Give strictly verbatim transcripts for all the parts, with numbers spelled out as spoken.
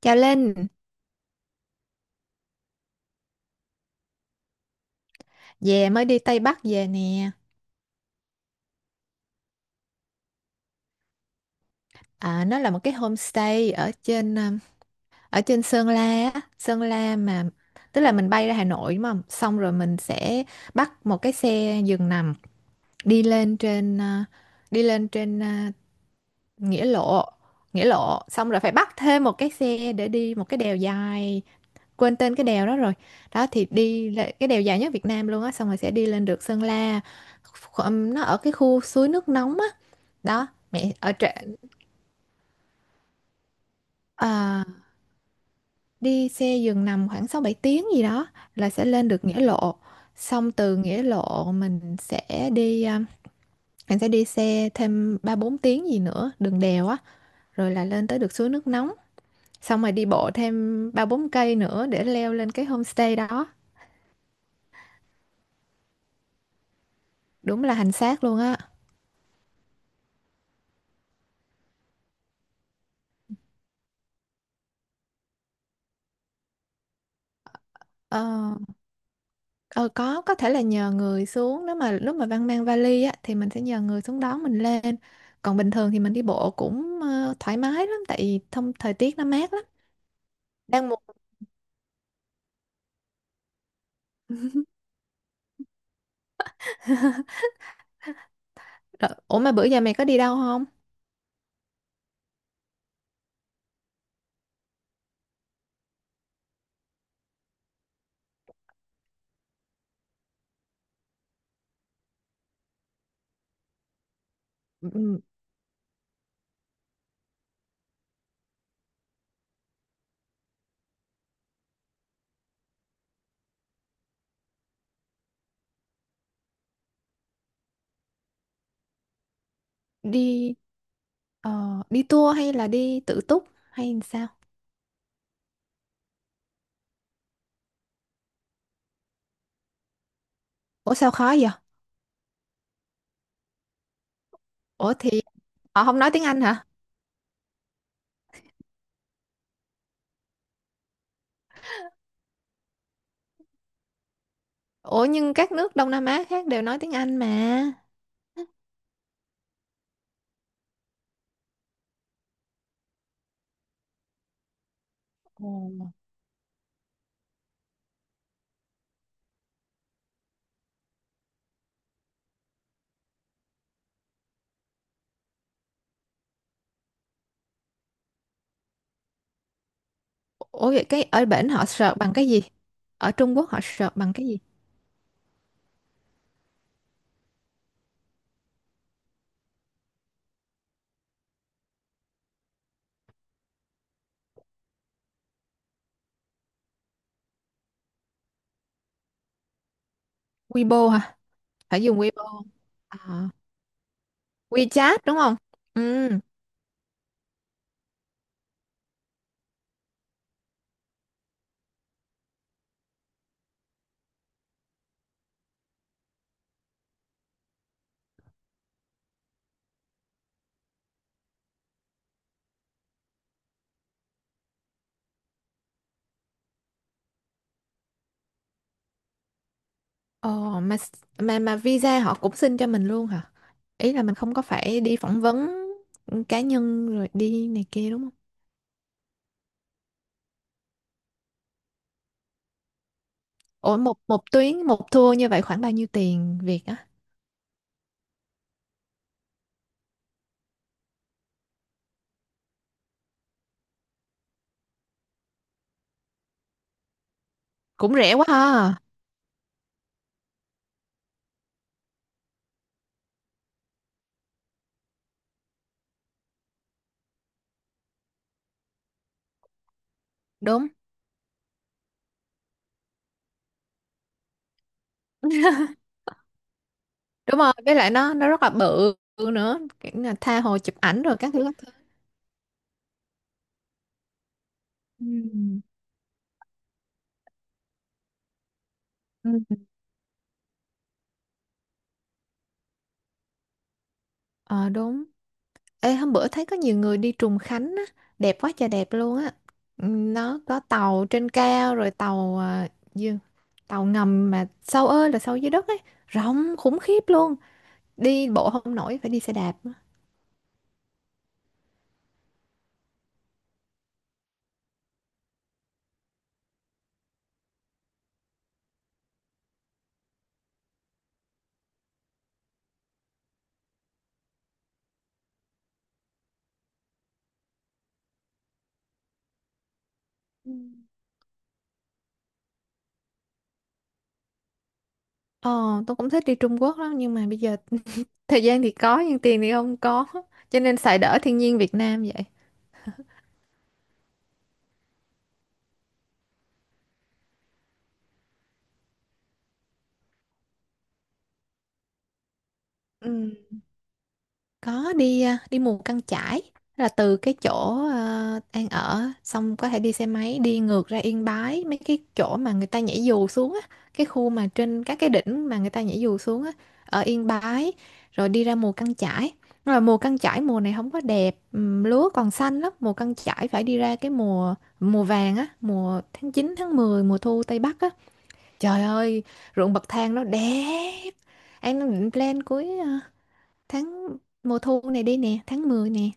Chào Linh, về mới đi Tây Bắc về nè. À, nó là một cái homestay ở trên um, ở trên Sơn La á. Sơn La mà tức là mình bay ra Hà Nội đúng không? Xong rồi mình sẽ bắt một cái xe giường nằm đi lên trên uh, đi lên trên uh, nghĩa lộ nghĩa lộ xong rồi phải bắt thêm một cái xe để đi một cái đèo dài, quên tên cái đèo đó rồi, đó thì đi lệ- cái đèo dài nhất Việt Nam luôn á, xong rồi sẽ đi lên được Sơn La. Kho- nó ở cái khu suối nước nóng á đó. Mẹ ở trệ. à, đi xe giường nằm khoảng sáu bảy tiếng gì đó là sẽ lên được Nghĩa Lộ. Xong từ Nghĩa Lộ mình sẽ đi à, mình sẽ đi xe thêm ba bốn tiếng gì nữa đường đèo á, rồi là lên tới được suối nước nóng. Xong rồi đi bộ thêm ba bốn cây nữa để leo lên cái homestay đó. Đúng là hành xác luôn á. ờ, ờ có có thể là nhờ người xuống, nếu mà lúc mà Văn mang vali á thì mình sẽ nhờ người xuống đón mình lên. Còn bình thường thì mình đi bộ cũng ờ, thoải mái lắm, tại vì thông thời tiết nó mát lắm. Đang mùa. Rồi, ủa mà bữa giờ mày có đi đâu không? Ừ, đi ờ, đi tour hay là đi tự túc hay sao? Ủa sao khó vậy? Ủa thì họ không nói tiếng Anh hả? Ủa nhưng các nước Đông Nam Á khác đều nói tiếng Anh mà. Ủa vậy cái ở bển họ search bằng cái gì? Ở Trung Quốc họ search bằng cái gì? Weibo hả? Phải dùng Weibo không? À, WeChat đúng không? Ừ. Ồ mà s- mà mà visa họ cũng xin cho mình luôn hả? Ý là mình không có phải đi phỏng vấn cá nhân rồi đi này kia đúng không? Ủa, một một tuyến, một tour như vậy khoảng bao nhiêu tiền Việt á? Cũng rẻ quá ha. Đúng. Đúng rồi, với lại nó nó rất là bự nữa, kiểu là tha hồ chụp ảnh rồi các thứ các thứ. Ừ. Ừ. Ờ đúng. Ê hôm bữa thấy có nhiều người đi Trùng Khánh á, đẹp quá trời đẹp luôn á. Ừ, nó có tàu trên cao rồi tàu, à, gì? Tàu ngầm mà sâu ơi là sâu dưới đất ấy, rộng khủng khiếp luôn, đi bộ không nổi phải đi xe đạp á. Ờ tôi cũng thích đi Trung Quốc lắm nhưng mà bây giờ thời gian thì có nhưng tiền thì không có, cho nên xài đỡ thiên nhiên Việt Nam vậy. Ừ. Có đi, à, đi mù căng chải, là từ cái chỗ, à, An ở, xong có thể đi xe máy đi ngược ra Yên Bái mấy cái chỗ mà người ta nhảy dù xuống á, cái khu mà trên các cái đỉnh mà người ta nhảy dù xuống á, ở Yên Bái, rồi đi ra mù căng chải. Rồi mùa căng chải mùa này không có đẹp, ừm, lúa còn xanh lắm, mùa căng chải phải đi ra cái mùa mùa vàng á, mùa tháng chín tháng mười mùa thu Tây Bắc á. Trời ơi, ruộng bậc thang nó đẹp. Em định plan cuối ờ, tháng mùa thu này đi nè, tháng mười nè.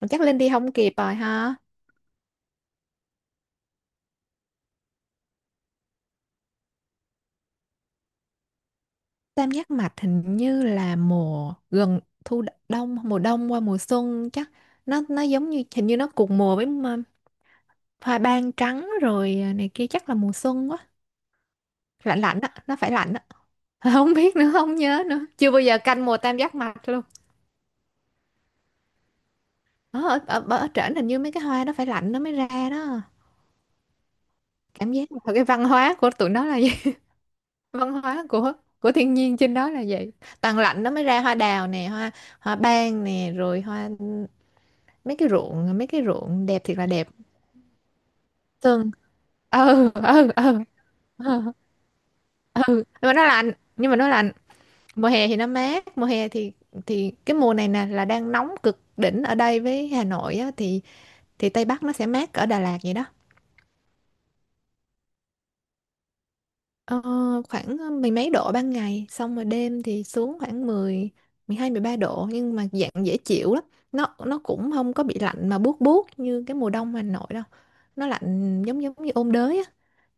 Mà chắc lên đi không kịp rồi ha. Tam Giác Mạch hình như là mùa gần thu, đ- đông, mùa đông qua mùa xuân chắc. Nó nó giống như hình như nó cùng mùa với m- hoa ban trắng rồi, à, này kia, chắc là mùa xuân quá. Lạnh lạnh á nó phải lạnh á. Không biết nữa, không nhớ nữa, chưa bao giờ canh mùa tam giác mạch luôn. Ờ, ở ở, ở, ở, trển hình như mấy cái hoa nó phải lạnh nó mới ra đó. Cảm giác là cái văn hóa của tụi nó là văn hóa của của thiên nhiên trên đó là vậy, tàn lạnh nó mới ra hoa đào nè, hoa hoa ban nè, rồi hoa mấy cái ruộng mấy cái ruộng đẹp thiệt là đẹp. Tường. Ừ ừ ừ ừ. Ừ. Nhưng mà nó lạnh, nhưng mà nó lạnh Mùa hè thì nó mát. Mùa hè thì, thì cái mùa này nè là đang nóng cực đỉnh ở đây với Hà Nội á, thì, thì Tây Bắc nó sẽ mát ở Đà Lạt vậy đó. Ờ, khoảng ờ, mười mấy độ ban ngày, xong rồi đêm thì xuống khoảng mười, mười hai mười ba độ, nhưng mà dạng dễ chịu lắm. Nó nó cũng không có bị lạnh mà buốt buốt như cái mùa đông Hà Nội đâu. Nó lạnh giống giống như ôn đới á.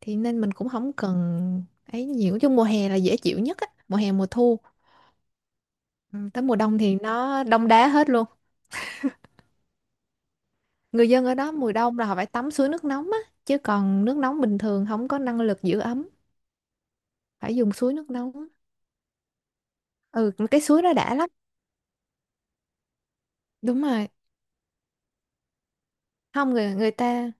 Thì nên mình cũng không cần ấy nhiều, chứ mùa hè là dễ chịu nhất á, mùa hè mùa thu. Ừ, tới mùa đông thì nó đông đá hết luôn. Người dân ở đó mùa đông là họ phải tắm suối nước nóng á, chứ còn nước nóng bình thường không có năng lực giữ ấm, phải dùng suối nước nóng. Ừ, cái suối đó đã lắm. Đúng rồi. Không, người người ta,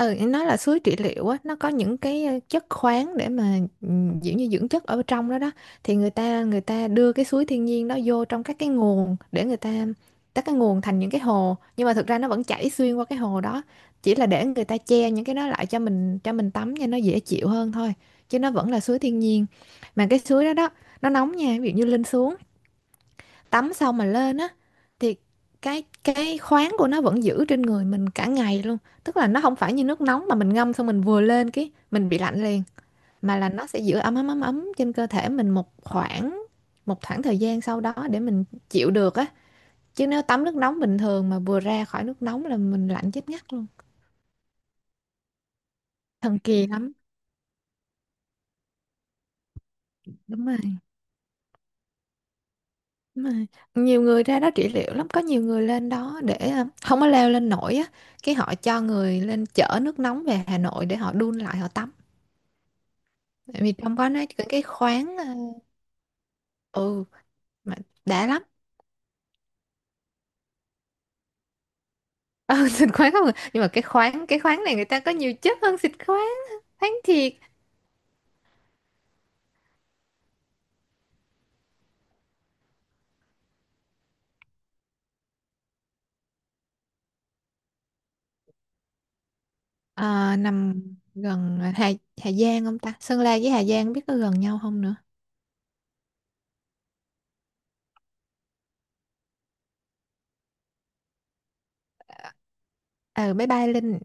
ừ, nói là suối trị liệu á, nó có những cái ờ, chất khoáng, để mà ừ, kiểu như dưỡng chất ở trong đó đó, thì người ta người ta đưa cái suối thiên nhiên đó vô trong các cái nguồn để người ta các cái nguồn thành những cái hồ, nhưng mà thực ra nó vẫn chảy xuyên qua cái hồ đó, chỉ là để người ta che những cái đó lại cho mình cho mình tắm cho nó dễ chịu hơn thôi, chứ nó vẫn là suối thiên nhiên. Mà cái suối đó đó nó nóng nha, ví dụ như lên xuống tắm xong mà lên á thì cái cái khoáng của nó vẫn giữ trên người mình cả ngày luôn. Tức là nó không phải như nước nóng mà mình ngâm xong mình vừa lên cái mình bị lạnh liền, mà là nó sẽ giữ ấm ấm ấm ấm trên cơ thể mình một khoảng, một khoảng thời gian sau đó để mình chịu được á, chứ nếu tắm nước nóng bình thường mà vừa ra khỏi nước nóng là mình lạnh chết ngắt luôn. Thần kỳ lắm. Đúng rồi. Mà nhiều người ra đó trị liệu lắm, có nhiều người lên đó để ờ, không có leo lên nổi á, cái họ cho người lên chở nước nóng về Hà Nội để họ đun lại họ tắm. Tại vì trong đó nó có cái khoáng, ờ, ừ, mà đã lắm. Ừ, xịt khoáng không à? Nhưng mà cái khoáng, cái khoáng này người ta có nhiều chất hơn xịt khoáng, khoáng thiệt. Ờ, nằm gần, à, Hà Hà Giang không ta, Sơn La với Hà Giang biết có gần nhau không nữa. ờ ừ, bye bye Linh.